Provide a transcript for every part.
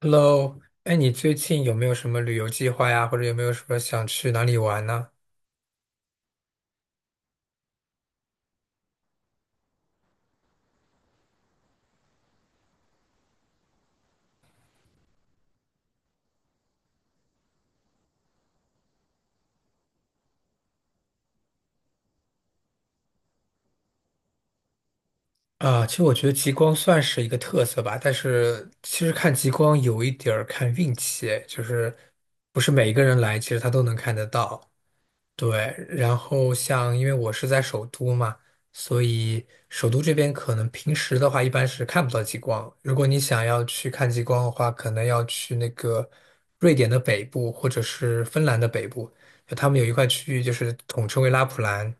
Hello。哎，你最近有没有什么旅游计划呀？或者有没有什么想去哪里玩呢？啊，其实我觉得极光算是一个特色吧，但是其实看极光有一点儿看运气，哎就是不是每一个人来，其实他都能看得到。对，然后像因为我是在首都嘛，所以首都这边可能平时的话一般是看不到极光。如果你想要去看极光的话，可能要去那个瑞典的北部或者是芬兰的北部，就他们有一块区域就是统称为拉普兰。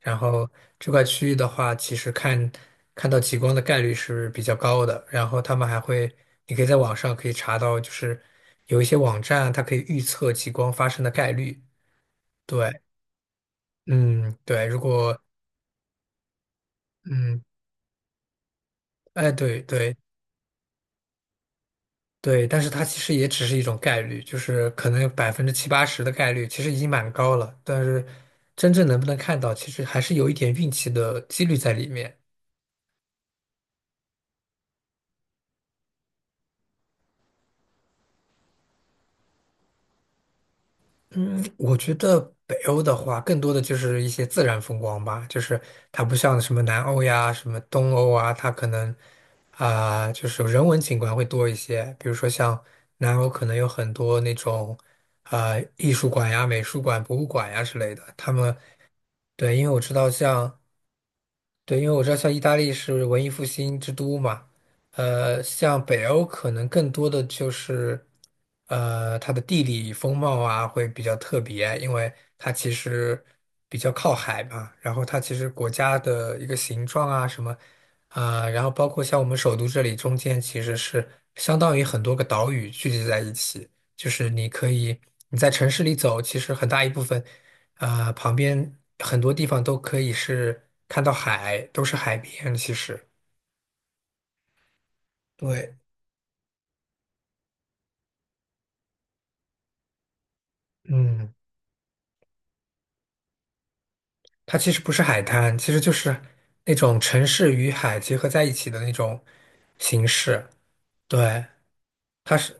然后这块区域的话，其实看到极光的概率是比较高的。然后他们还会，你可以在网上可以查到，就是有一些网站它可以预测极光发生的概率。对，嗯，对，如果嗯，哎，对对对，但是它其实也只是一种概率，就是可能有70%-80%的概率，其实已经蛮高了。但是真正能不能看到，其实还是有一点运气的几率在里面。我觉得北欧的话，更多的就是一些自然风光吧，就是它不像什么南欧呀、什么东欧啊，它可能就是人文景观会多一些。比如说像南欧，可能有很多那种艺术馆呀、美术馆、博物馆呀之类的。他们对，因为我知道像对，因为我知道像意大利是文艺复兴之都嘛。像北欧可能更多的就是，它的地理风貌啊会比较特别，因为它其实比较靠海嘛，然后它其实国家的一个形状啊什么，然后包括像我们首都这里中间其实是相当于很多个岛屿聚集在一起，就是你可以你在城市里走，其实很大一部分。啊，旁边很多地方都可以是看到海，都是海边。其实，对，嗯，它其实不是海滩，其实就是那种城市与海结合在一起的那种形式。对，它是，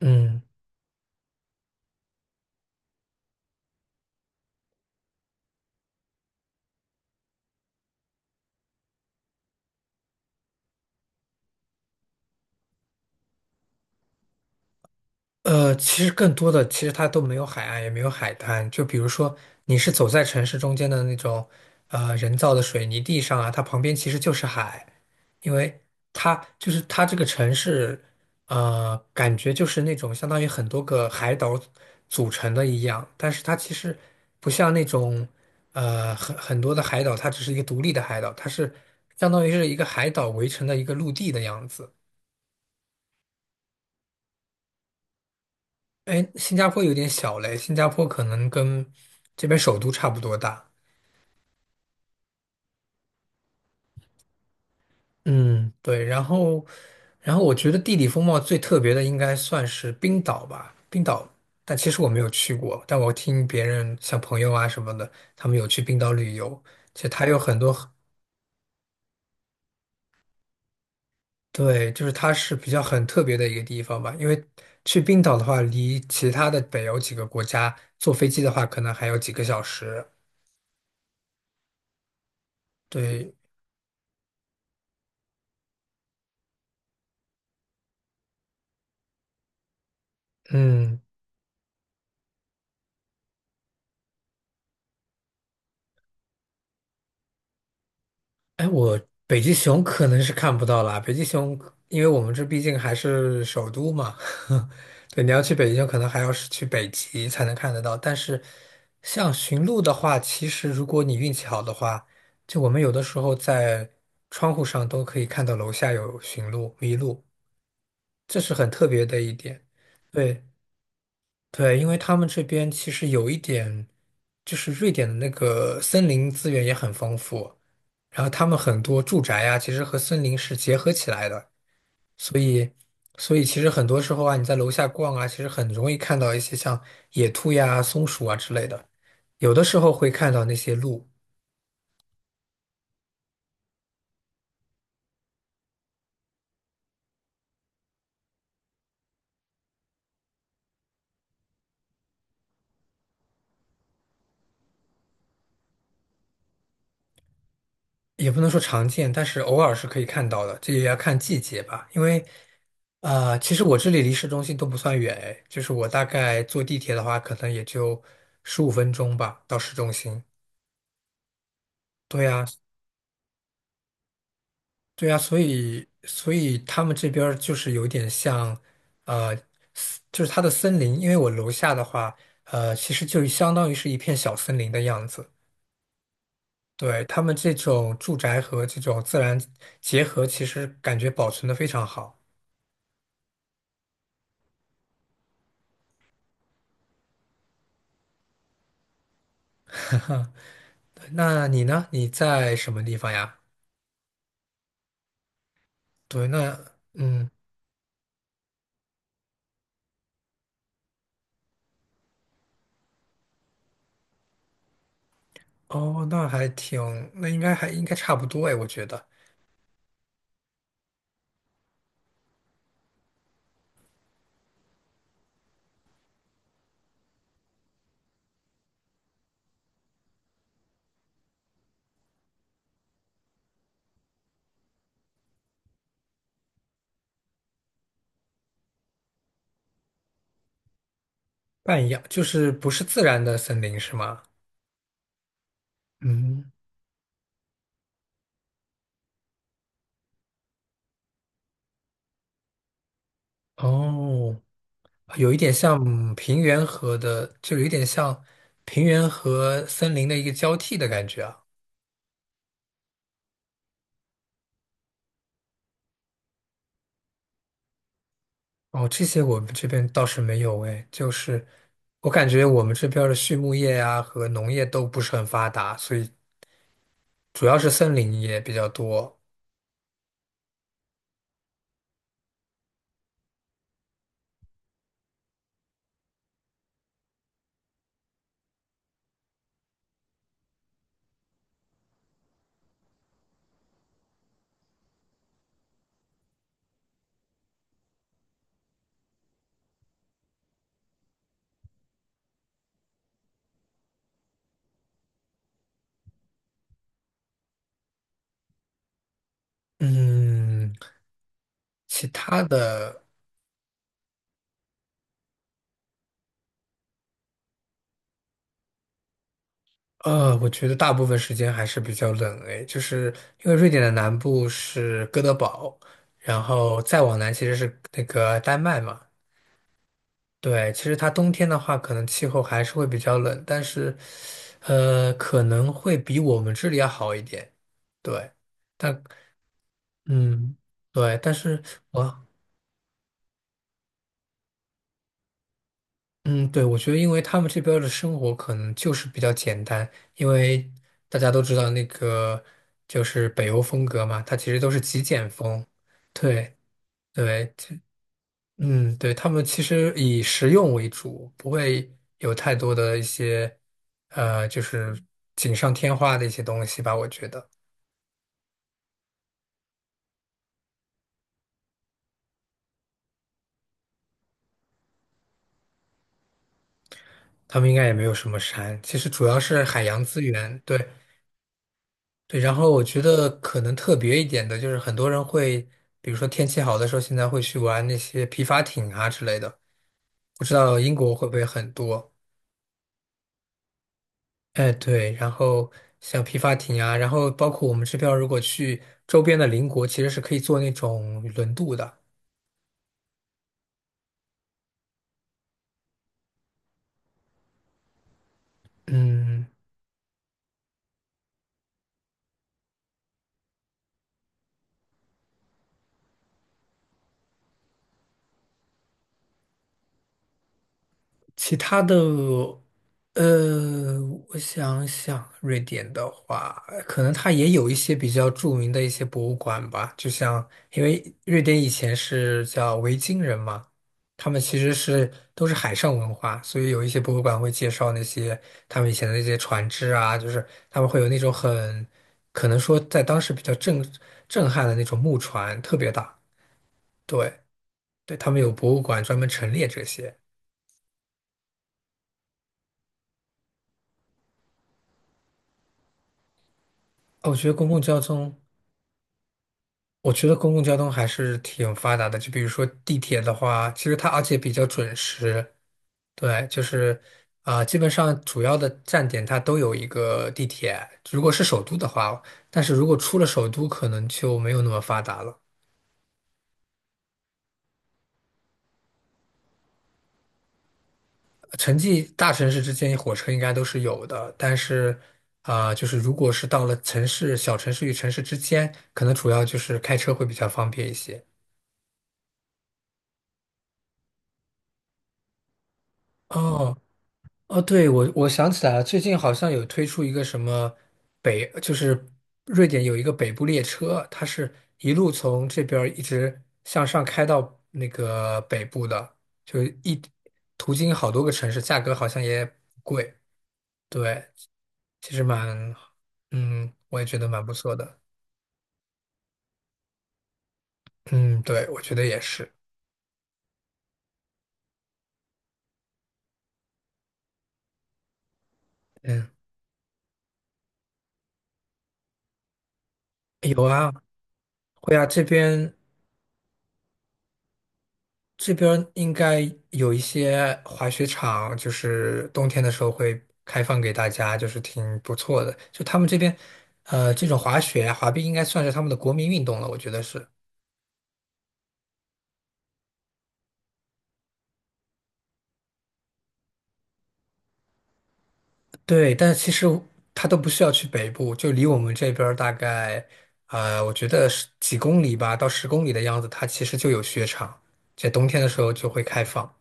嗯。其实更多的，其实它都没有海岸，也没有海滩。就比如说，你是走在城市中间的那种，人造的水泥地上啊，它旁边其实就是海，因为它就是它这个城市，感觉就是那种相当于很多个海岛组成的一样，但是它其实不像那种，很多的海岛，它只是一个独立的海岛，它是相当于是一个海岛围成的一个陆地的样子。哎，新加坡有点小嘞，新加坡可能跟这边首都差不多大。嗯，对，然后，然后我觉得地理风貌最特别的应该算是冰岛吧。冰岛，但其实我没有去过，但我听别人像朋友啊什么的，他们有去冰岛旅游，其实它有很多很对，就是它是比较很特别的一个地方吧，因为去冰岛的话，离其他的北欧几个国家坐飞机的话，可能还有几个小时。对，嗯。哎，我北极熊可能是看不到啦。北极熊，因为我们这毕竟还是首都嘛，对，你要去北极熊，可能还要是去北极才能看得到。但是，像驯鹿的话，其实如果你运气好的话，就我们有的时候在窗户上都可以看到楼下有驯鹿、麋鹿，这是很特别的一点。对。对，因为他们这边其实有一点，就是瑞典的那个森林资源也很丰富，然后他们很多住宅呀，其实和森林是结合起来的，所以，所以其实很多时候啊，你在楼下逛啊，其实很容易看到一些像野兔呀、松鼠啊之类的，有的时候会看到那些鹿。也不能说常见，但是偶尔是可以看到的，这也要看季节吧。因为，其实我这里离市中心都不算远，哎，就是我大概坐地铁的话，可能也就15分钟吧，到市中心。对呀，对呀，所以，所以他们这边儿就是有点像，呃，森就是它的森林，因为我楼下的话，其实就相当于是一片小森林的样子。对，他们这种住宅和这种自然结合，其实感觉保存的非常好。那你呢？你在什么地方呀？对，那嗯。哦，那还挺，那应该还应该差不多哎，我觉得半一样，就是不是自然的森林是吗？嗯。哦，有一点像平原和的，就有一点像平原和森林的一个交替的感觉啊。哦，这些我们这边倒是没有哎，就是我感觉我们这边儿的畜牧业呀、和农业都不是很发达，所以主要是森林也比较多。嗯。其他的，我觉得大部分时间还是比较冷诶，就是因为瑞典的南部是哥德堡，然后再往南其实是那个丹麦嘛。对，其实它冬天的话，可能气候还是会比较冷，但是，可能会比我们这里要好一点。对，但嗯，对，但是我。嗯，对，我觉得因为他们这边儿的生活可能就是比较简单，因为大家都知道那个就是北欧风格嘛，它其实都是极简风。对对，其嗯，对，他们其实以实用为主，不会有太多的一些就是锦上添花的一些东西吧。我觉得他们应该也没有什么山，其实主要是海洋资源，对，对，然后我觉得可能特别一点的就是，很多人会，比如说天气好的时候，现在会去玩那些皮划艇啊之类的。不知道英国会不会很多？哎，对，然后像皮划艇啊，然后包括我们这边如果去周边的邻国，其实是可以坐那种轮渡的。嗯，其他的，呃，我想想，瑞典的话，可能它也有一些比较著名的一些博物馆吧，就像因为瑞典以前是叫维京人嘛，他们其实是都是海上文化，所以有一些博物馆会介绍那些他们以前的那些船只啊，就是他们会有那种很可能说在当时比较震撼的那种木船，特别大。对对，他们有博物馆专门陈列这些。哦，我觉得公共交通。我觉得公共交通还是挺发达的，就比如说地铁的话，其实它而且比较准时，对，就是基本上主要的站点它都有一个地铁。如果是首都的话，但是如果出了首都，可能就没有那么发达了。城际大城市之间火车应该都是有的，但是就是如果是到了城市、小城市与城市之间，可能主要就是开车会比较方便一些。哦，哦，对，我我想起来了，最近好像有推出一个什么就是瑞典有一个北部列车，它是一路从这边儿一直向上开到那个北部的，就一途经好多个城市，价格好像也不贵。对，其实蛮，嗯，我也觉得蛮不错的。嗯，对，我觉得也是。嗯，有啊，会啊，这边应该有一些滑雪场，就是冬天的时候会开放给大家，就是挺不错的。就他们这边，这种滑雪啊、滑冰应该算是他们的国民运动了，我觉得是。对，但是其实他都不需要去北部，就离我们这边儿大概，我觉得是几公里吧，到10公里的样子，它其实就有雪场，在冬天的时候就会开放。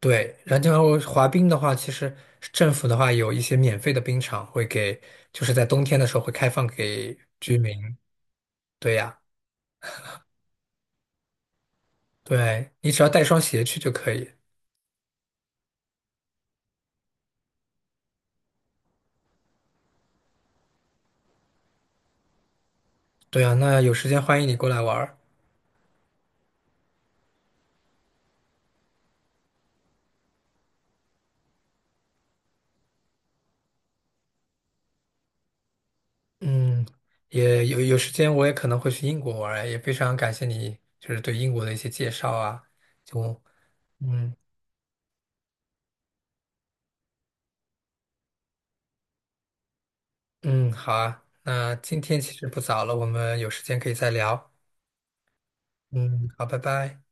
对，然后滑冰的话，其实政府的话有一些免费的冰场会给，就是在冬天的时候会开放给居民。对呀，对，你只要带双鞋去就可以。对啊，那有时间欢迎你过来玩儿。嗯，也有有时间我也可能会去英国玩儿，也非常感谢你就是对英国的一些介绍啊。就嗯嗯，好啊，那今天其实不早了，我们有时间可以再聊。嗯，好，拜拜。